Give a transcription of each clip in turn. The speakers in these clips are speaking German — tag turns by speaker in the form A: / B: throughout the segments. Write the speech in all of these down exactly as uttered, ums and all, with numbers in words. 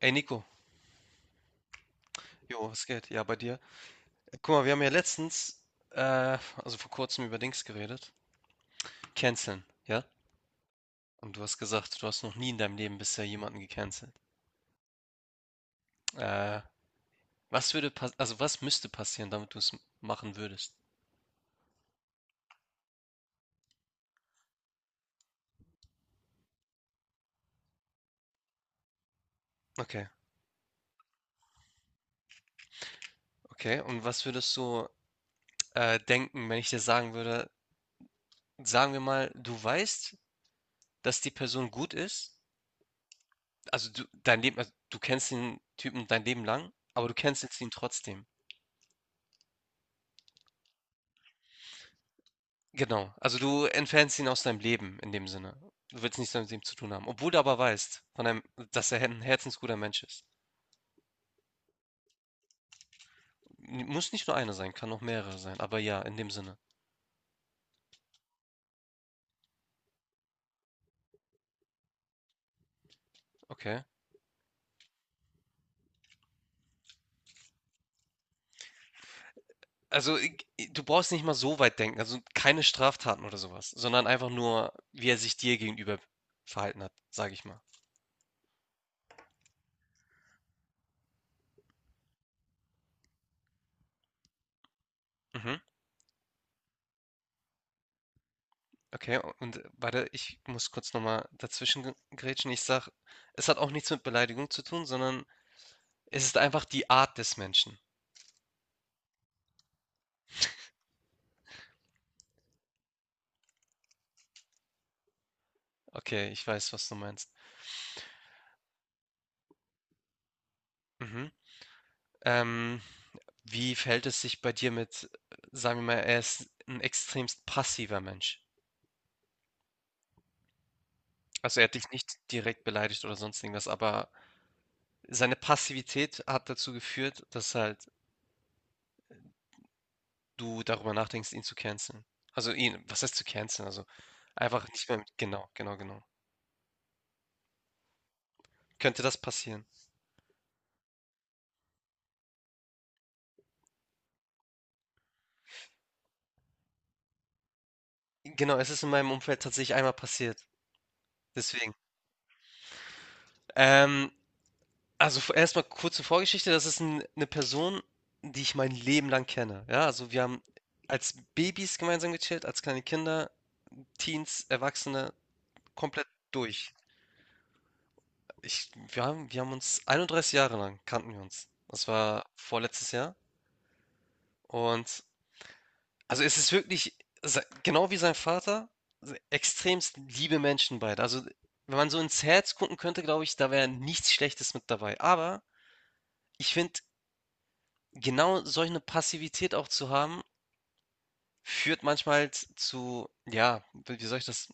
A: Ey Nico, jo, was geht? Ja, bei dir. Äh, Guck mal, wir haben ja letztens, äh, also vor kurzem über Dings geredet. Canceln, ja? Und du hast gesagt, du hast noch nie in deinem Leben bisher jemanden gecancelt. Äh, was würde pass also was müsste passieren, damit du es machen würdest? Okay, okay. Und was würdest du äh, denken, wenn ich dir sagen würde, sagen wir mal, du weißt, dass die Person gut ist, also du, dein Leben, also du kennst den Typen dein Leben lang, aber du cancelst ihn trotzdem. Genau. Also, du entfernst ihn aus deinem Leben in dem Sinne. Du willst nichts mehr mit ihm zu tun haben, obwohl du aber weißt von einem, dass er ein herzensguter Mensch ist. M Muss nicht nur einer sein, kann auch mehrere sein, aber ja, in dem Sinne. Okay. Also, i g du brauchst nicht mal so weit denken, also, keine Straftaten oder sowas, sondern einfach nur, wie er sich dir gegenüber verhalten hat, sage ich mal. Mhm. Okay, und äh, warte, ich muss kurz noch mal dazwischen ge grätschen. Ich sage, es hat auch nichts mit Beleidigung zu tun, sondern es ist einfach die Art des Menschen. Okay, ich weiß, was du meinst. Mhm. Ähm, wie verhält es sich bei dir mit, äh, sagen wir mal, er ist ein extremst passiver Mensch. Also er hat dich nicht direkt beleidigt oder sonst irgendwas, aber seine Passivität hat dazu geführt, dass halt du darüber nachdenkst, ihn zu canceln. Also ihn, was heißt zu canceln? Also einfach nicht mehr mit, genau, genau, genau. Könnte das passieren? Genau, es ist in meinem Umfeld tatsächlich einmal passiert. Deswegen. Ähm, Also, v erst kurze Vorgeschichte. Das ist 'n 'ne Person, die ich mein Leben lang kenne. Ja, also, wir haben als Babys gemeinsam gechillt, als kleine Kinder, Teens, Erwachsene, komplett durch. Ich wir haben wir haben uns einunddreißig Jahre lang kannten wir uns. Das war vorletztes Jahr und also, es ist wirklich sei genau wie sein Vater, se extremst liebe Menschen beide. Also, wenn man so ins Herz gucken könnte, glaube ich, da wäre nichts Schlechtes mit dabei. Aber ich finde, genau solch eine Passivität auch zu haben führt manchmal z- zu, ja, wie wie soll ich das?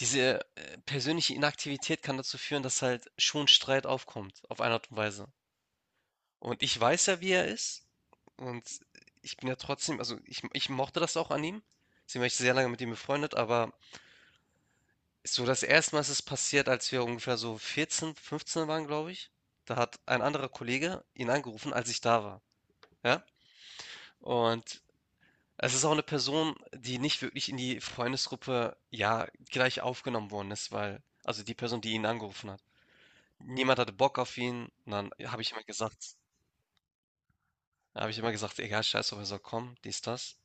A: Diese äh, persönliche Inaktivität kann dazu führen, dass halt schon Streit aufkommt, auf eine Art und Weise. Und ich weiß ja, wie er ist. Und ich bin ja trotzdem, also ich, ich mochte das auch an ihm. Sie war ich sehr lange mit ihm befreundet, aber so das erste Mal ist es passiert, als wir ungefähr so vierzehn, fünfzehn waren, glaube ich. Da hat ein anderer Kollege ihn angerufen, als ich da war. Ja? Und es ist auch eine Person, die nicht wirklich in die Freundesgruppe, ja, gleich aufgenommen worden ist, weil also die Person, die ihn angerufen hat. Niemand hatte Bock auf ihn und dann habe ich immer gesagt habe ich immer gesagt: „Egal, scheiß drauf, er soll kommen“, dies, das.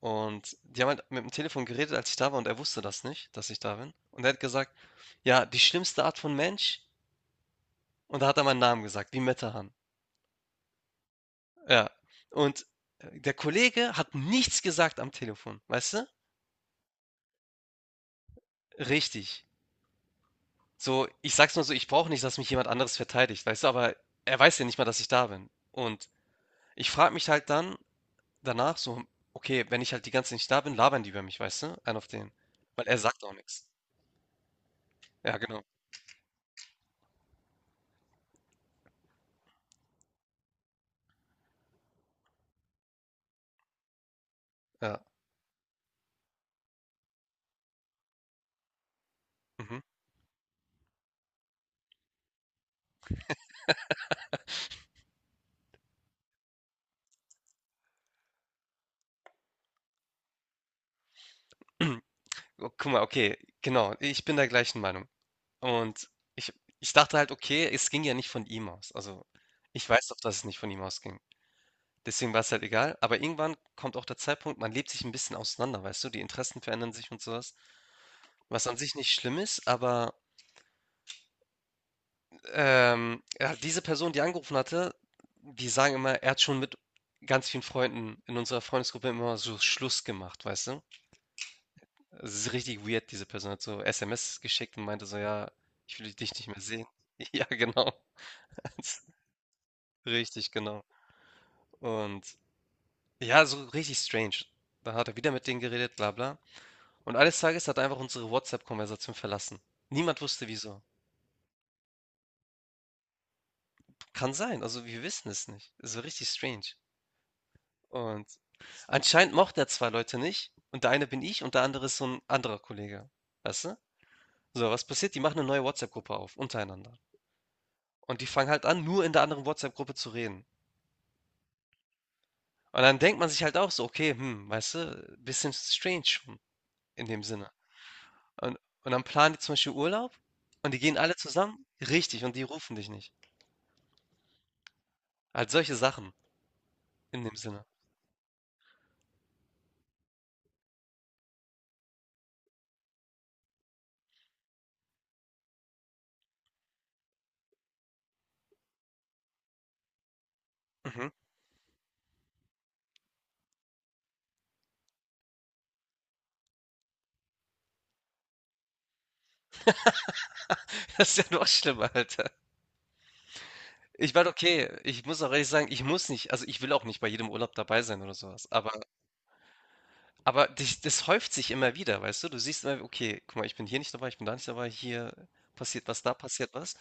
A: Und die haben halt mit dem Telefon geredet, als ich da war und er wusste das nicht, dass ich da bin. Und er hat gesagt: „Ja, die schlimmste Art von Mensch“, und da hat er meinen Namen gesagt, wie Metehan. Ja. Und, äh, der Kollege hat nichts gesagt am Telefon, weißt du? Richtig. So, ich sag's mal so, ich brauche nicht, dass mich jemand anderes verteidigt, weißt du, aber er weiß ja nicht mal, dass ich da bin. Und ich frage mich halt dann danach so, okay, wenn ich halt die ganze Zeit nicht da bin, labern die über mich, weißt du? Einen auf den. Weil er sagt auch nichts. Ja, genau. Ja. Mhm. Oh, guck mal, okay, genau. Ich bin der gleichen Meinung. Und ich, ich dachte halt, okay, es ging ja nicht von ihm aus. Also, ich weiß doch, dass es nicht von ihm ausging. Deswegen war es halt egal. Aber irgendwann kommt auch der Zeitpunkt, man lebt sich ein bisschen auseinander, weißt du? Die Interessen verändern sich und sowas. Was an sich nicht schlimm ist, aber, ähm, ja, diese Person, die angerufen hatte, die sagen immer, er hat schon mit ganz vielen Freunden in unserer Freundesgruppe immer so Schluss gemacht, weißt du? Es ist richtig weird, diese Person hat so S M S geschickt und meinte so, ja, ich will dich nicht mehr sehen. Ja, genau. Richtig, genau. Und ja, so richtig strange. Da hat er wieder mit denen geredet, bla bla. Und eines Tages hat er einfach unsere WhatsApp-Konversation verlassen. Niemand wusste wieso. Kann sein, also wir wissen es nicht. Es war richtig strange. Und anscheinend mochte er zwei Leute nicht und der eine bin ich und der andere ist so ein anderer Kollege, weißt du? So, was passiert? Die machen eine neue WhatsApp-Gruppe auf untereinander und die fangen halt an, nur in der anderen WhatsApp-Gruppe zu reden. Und dann denkt man sich halt auch so: „Okay, hm, weißt du, bisschen strange schon in dem Sinne.“ Und und dann planen die zum Beispiel Urlaub und die gehen alle zusammen richtig, und die rufen dich nicht. Halt solche Sachen in dem Sinne. Mhm. Das ist ja noch schlimmer, Alter. Ich war okay. Ich muss auch ehrlich sagen, ich muss nicht also, ich will auch nicht bei jedem Urlaub dabei sein oder sowas. Aber aber dich das häuft sich immer wieder, weißt du? Du siehst immer, okay, guck mal, ich bin hier nicht dabei, ich bin da nicht dabei, hier passiert was, da passiert was.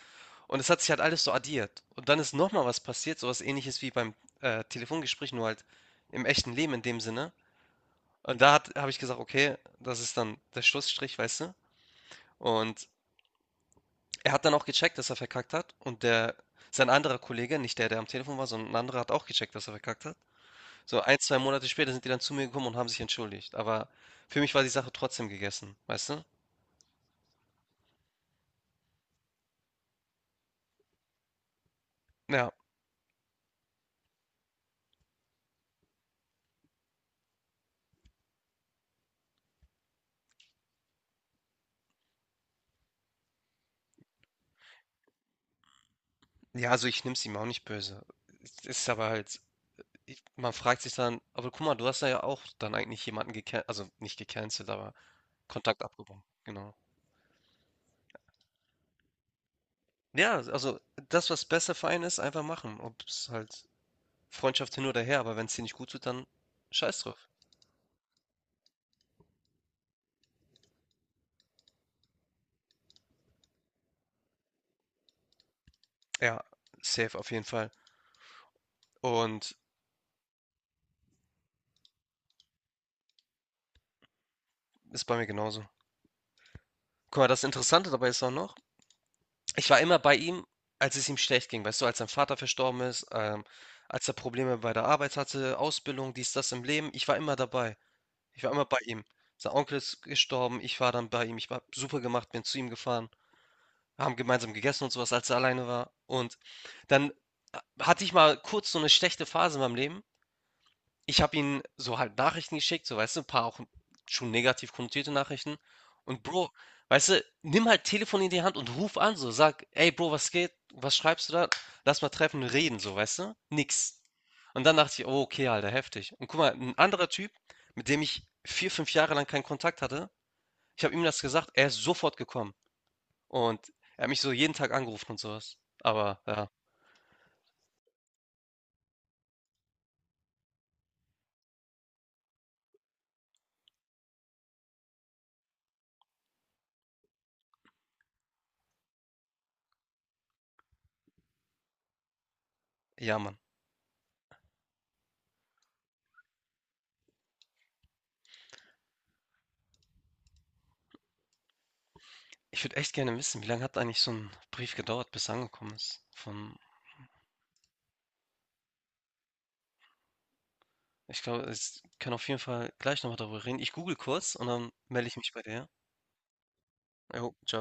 A: Und es hat sich halt alles so addiert. Und dann ist noch mal was passiert, so was Ähnliches wie beim, äh, Telefongespräch, nur halt im echten Leben in dem Sinne. Und da habe ich gesagt: „Okay, das ist dann der Schlussstrich“, weißt du? Und er hat dann auch gecheckt, dass er verkackt hat und der sein anderer Kollege, nicht der, der am Telefon war, sondern ein anderer, hat auch gecheckt, dass er verkackt hat. So ein zwei Monate später sind die dann zu mir gekommen und haben sich entschuldigt. Aber für mich war die Sache trotzdem gegessen, weißt du? Ja. Ja, also ich nehme es ihm auch nicht böse. Es ist aber halt, ich, man fragt sich dann, aber guck mal, du hast da ja auch dann eigentlich jemanden gecancelt, also nicht gecancelt, aber Kontakt abgebrochen. Genau. Ja, also das, was besser für einen ist, einfach machen. Ob es halt Freundschaft hin oder her, aber wenn es dir nicht gut tut, dann scheiß drauf. Ja, safe auf jeden Fall. Und ist bei mir genauso. Guck mal, das Interessante dabei ist auch noch, ich war immer bei ihm, als es ihm schlecht ging, weißt du, als sein Vater verstorben ist, ähm, als er Probleme bei der Arbeit hatte, Ausbildung, dies, das im Leben. Ich war immer dabei. Ich war immer bei ihm. Sein Onkel ist gestorben, ich war dann bei ihm. Ich habe super gemacht, bin zu ihm gefahren. Wir haben gemeinsam gegessen und sowas, als er alleine war. Und dann äh, hatte ich mal kurz so eine schlechte Phase in meinem Leben. Ich habe ihm so halt Nachrichten geschickt, so, weißt du, ein paar auch schon negativ konnotierte Nachrichten. Und Bro, weißt du, nimm halt Telefon in die Hand und ruf an, so, sag: „Ey Bro, was geht? Was schreibst du da? Lass mal treffen und reden“, so, weißt du? Nix. Und dann dachte ich: „Oh, okay, Alter, heftig.“ Und guck mal, ein anderer Typ, mit dem ich vier, fünf Jahre lang keinen Kontakt hatte, ich habe ihm das gesagt, er ist sofort gekommen. Und er hat mich so jeden Tag angerufen und sowas. Aber ja, ja, Mann. Ich würde echt gerne wissen, wie lange hat eigentlich so ein Brief gedauert, bis er angekommen ist von. Ich glaube, ich kann auf jeden Fall gleich nochmal darüber reden. Ich google kurz und dann melde ich mich bei dir. Jo, ciao.